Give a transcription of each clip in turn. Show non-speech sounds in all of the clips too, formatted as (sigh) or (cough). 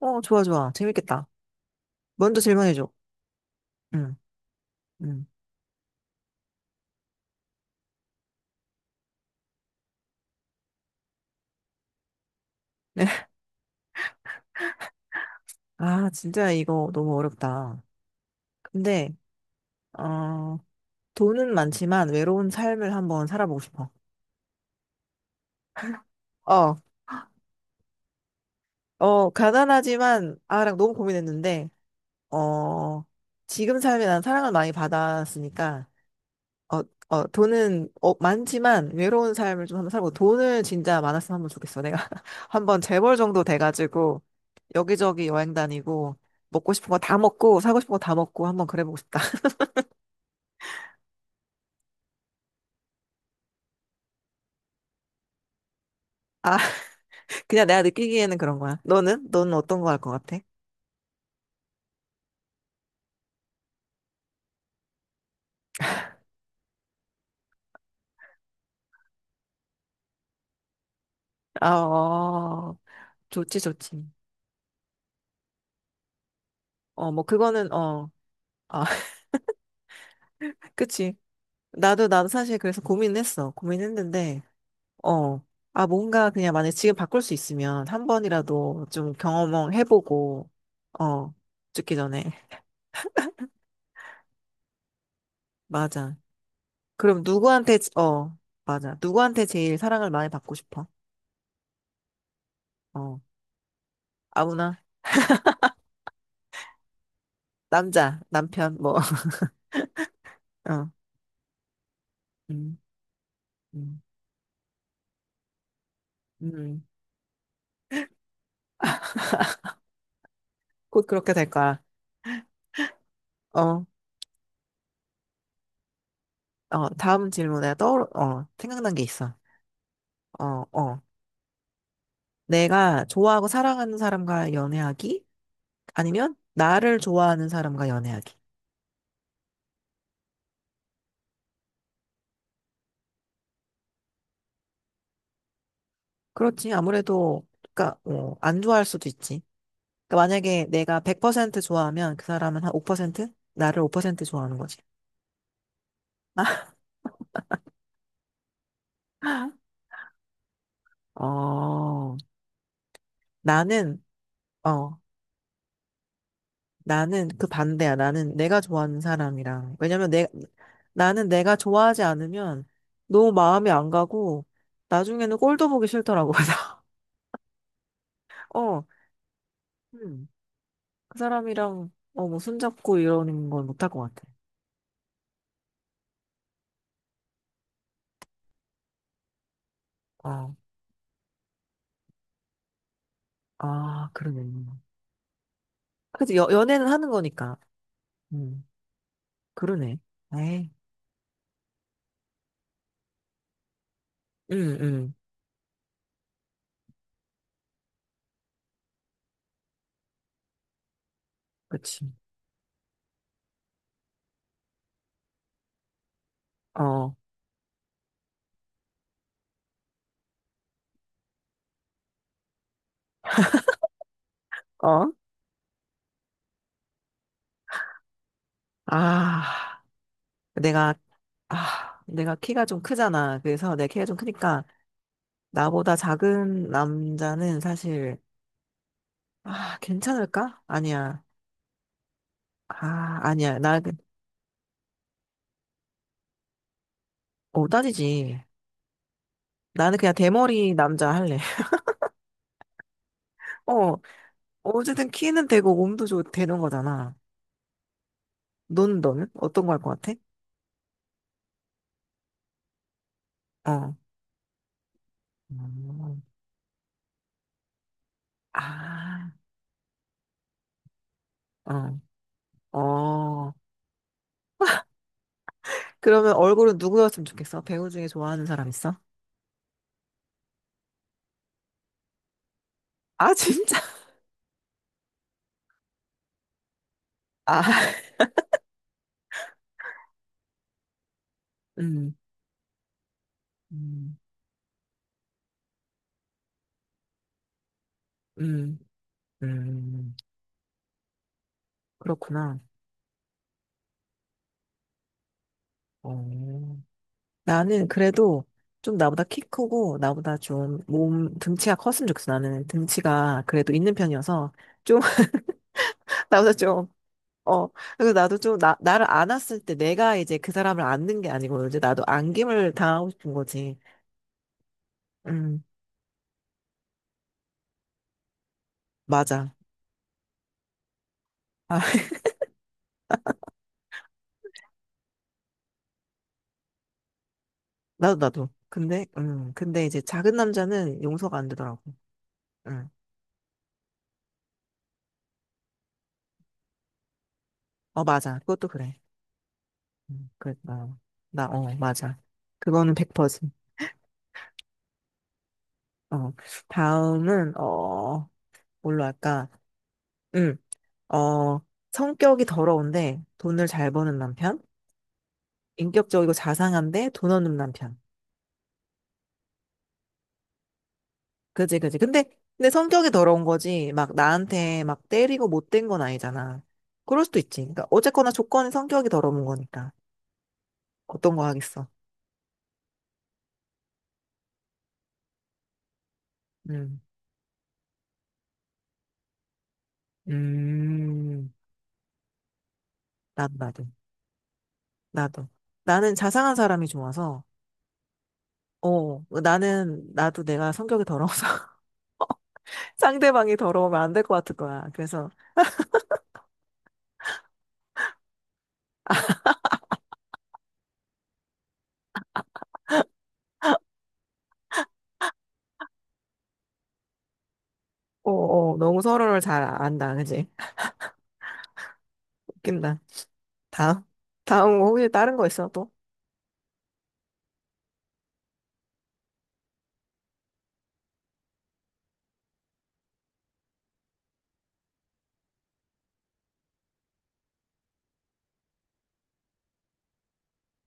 어, 좋아, 좋아. 재밌겠다. 먼저 질문해줘. 응, 응. (laughs) 아, 진짜 이거 너무 어렵다. 근데, 어, 돈은 많지만 외로운 삶을 한번 살아보고 싶어. 어. 가난하지만, 아랑 너무 고민했는데, 어, 지금 삶에 난 사랑을 많이 받았으니까, 어, 돈은, 많지만 외로운 삶을 좀 한번 살고, 돈을 진짜 많았으면 한번 좋겠어. 내가 (laughs) 한번 재벌 정도 돼가지고, 여기저기 여행 다니고 먹고 싶은 거 다 먹고 사고 싶은 거 다 먹고 한번 그래보고 싶다. (laughs) 아, 그냥 내가 느끼기에는 그런 거야. 너는? 너는 어떤 거 할 것 같아? 아, 어, 좋지, 좋지. 뭐 그거는 아, (laughs) 그치. 나도 나도 사실 그래서 고민했어. 고민했는데, 어, 아, 뭔가 그냥 만약 지금 바꿀 수 있으면 한 번이라도 좀 경험해보고, 어, 죽기 전에. (laughs) 맞아. 그럼 누구한테, 맞아. 누구한테 제일 사랑을 많이 받고 싶어? 어, 아무나. 남자, 남편, 뭐. (laughs) 어. 음. 음. 음. 곧 그렇게 될 거야. 어. 다음 질문에 생각난 게 있어. 어, 어, 내가 좋아하고 사랑하는 사람과 연애하기? 아니면 나를 좋아하는 사람과 연애하기? 그렇지, 아무래도, 그니까, 안 좋아할 수도 있지. 그러니까 만약에 내가 100% 좋아하면 그 사람은 한 5%? 나를 5% 좋아하는 거지. (gasps) (laughs) 어, 나는, 어, 나는 그 반대야. 나는 내가 좋아하는 사람이랑. 왜냐면 나는 내가 좋아하지 않으면 너무 마음이 안 가고 나중에는 꼴도 보기 싫더라고. (laughs) 그래서, 어, 음, 그 사람이랑 뭐 손잡고 이러는 건 못 할 것 같아. 아, 아, 그러네. 그치, 연애는 하는 거니까. 음, 그러네. 에이. 음. 음. 그치. 어. 어? 아, 내가, 내가 키가 좀 크잖아. 그래서 내 키가 좀 크니까. 나보다 작은 남자는 사실, 아, 괜찮을까? 아니야. 아, 아니야. 나, 어, 따지지. 나는 그냥 대머리 남자 할래. (laughs) 어, 어쨌든 키는 되고 몸도 되는 거잖아. 너는? 어떤 거 할 것 같아? 어. 음. 아, 어, 어. 그러면 얼굴은 누구였으면 좋겠어? 배우 중에 좋아하는 사람 있어? 아, 진짜? (laughs) 아. 음. 음. 음. 음. 그렇구나. 어. 나는 그래도 좀 나보다 키 크고 나보다 좀 몸 등치가 컸으면 좋겠어. 나는 등치가 그래도 있는 편이어서 좀, (laughs) 나보다 좀. 어. 그래서 나도 좀 나를 안았을 때 내가 이제 그 사람을 안는 게 아니고 이제 나도 안김을 당하고 싶은 거지. 음, 맞아. 아. (laughs) 나도 나도. 근데 이제 작은 남자는 용서가 안 되더라고. 음. 어, 맞아. 그것도 그래. 그래. 맞아. 그거는 100%. 어. 다음은 뭘로 할까? 응. 어, 성격이 더러운데 돈을 잘 버는 남편? 인격적이고 자상한데 돈 없는 남편. 그지, 그지. 근데, 성격이 더러운 거지. 막 나한테 막 때리고 못된 건 아니잖아. 그럴 수도 있지. 그러니까 어쨌거나 조건이 성격이 더러운 거니까. 어떤 거 하겠어? 음. 음. 나도, 나도, 나도. 나는 자상한 사람이 좋아서, 나는, 나도 내가 성격이 더러워서 (laughs) 상대방이 더러우면 안 될 것 같은 거야. 그래서, 너무 서로를 잘 안다, 그지? 웃긴다. 다음. 다음 거 혹시 다른 거 있어, 또?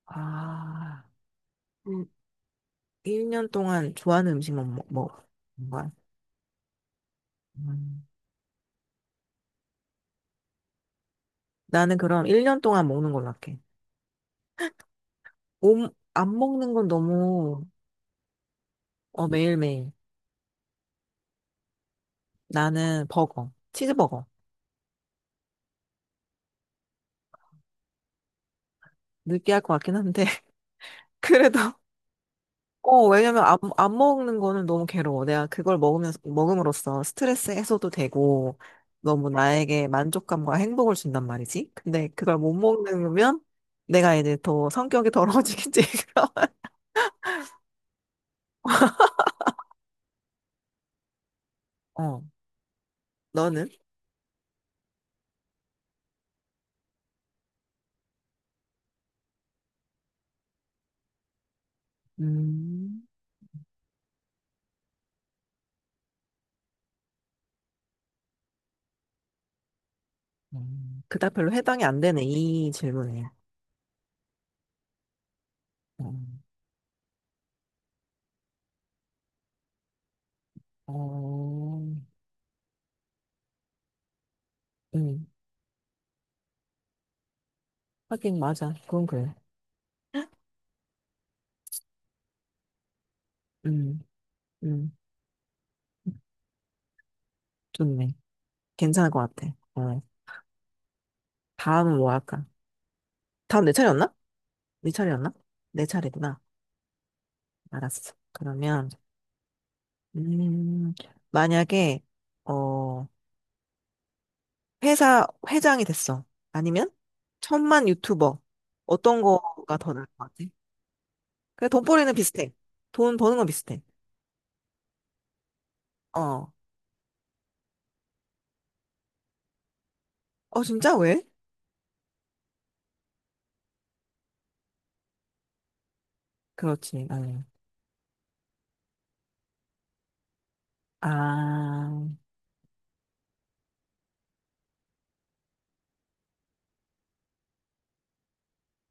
아. 음. 1년 동안 좋아하는 음식만 거야. 음, 나는 그럼 1년 동안 먹는 걸로 할게. 안 먹는 건 너무. 어, 매일매일. 나는 버거. 치즈버거. 느끼할 것 같긴 한데, (laughs) 그래도 왜냐면 안 먹는 거는 너무 괴로워. 내가 그걸 먹으면서, 먹음으로써 스트레스 해소도 되고, 너무 나에게 만족감과 행복을 준단 말이지. 근데 그걸 못 먹으면 내가 이제 더 성격이 더러워지겠지. (laughs) 어, 너는? 음, 그닥 별로 해당이 안 되네, 이 질문에. 음, 어, 음, 하긴 맞아. 그건 그래. 음, 음, 좋네. 괜찮을 것 같아. 어, 다음은 뭐 할까? 다음 내 차례였나? 네 차례였나? 내 차례구나. 알았어. 그러면, 음, 만약에, 어, 회사 회장이 됐어. 아니면, 천만 유튜버. 어떤 거가 더 나을 것 같아? 그래, 돈벌이는 비슷해. 돈 버는 건 비슷해. 어. 어, 진짜? 왜? 그렇지. 아니. 아,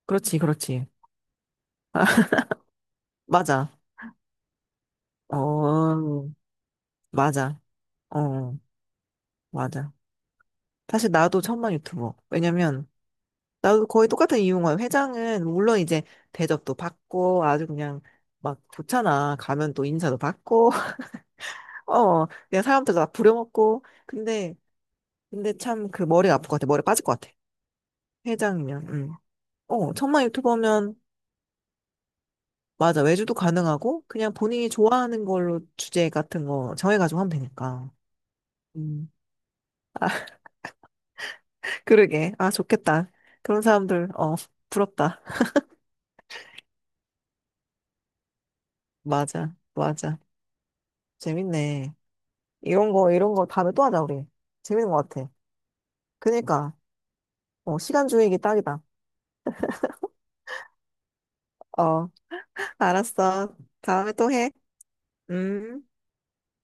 그렇지, 그렇지. (laughs) 맞아. 어, 맞아. 어, 맞아. 사실 나도 천만 유튜버. 왜냐면, 나도 거의 똑같은 이유인 거야. 회장은 물론 이제 대접도 받고 아주 그냥 막 좋잖아. 가면 또 인사도 받고, (laughs) 그냥 사람들 다 부려먹고. 근데, 근데 참 그 머리가 아플 것 같아. 머리 빠질 것 같아. 회장이면. 천만 유튜버면 맞아, 외주도 가능하고 그냥 본인이 좋아하는 걸로 주제 같은 거 정해가지고 하면 되니까. 음 그러게. 아, 좋겠다. 그런 사람들, 부럽다. 맞아, 맞아. 재밌네. 이런 거 이런 거 다음에 또 하자, 우리. 재밌는 것 같아. 그니까, 시간 주익이 딱이다. 어, 알았어. 다음에 또 해. 음,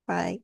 바이.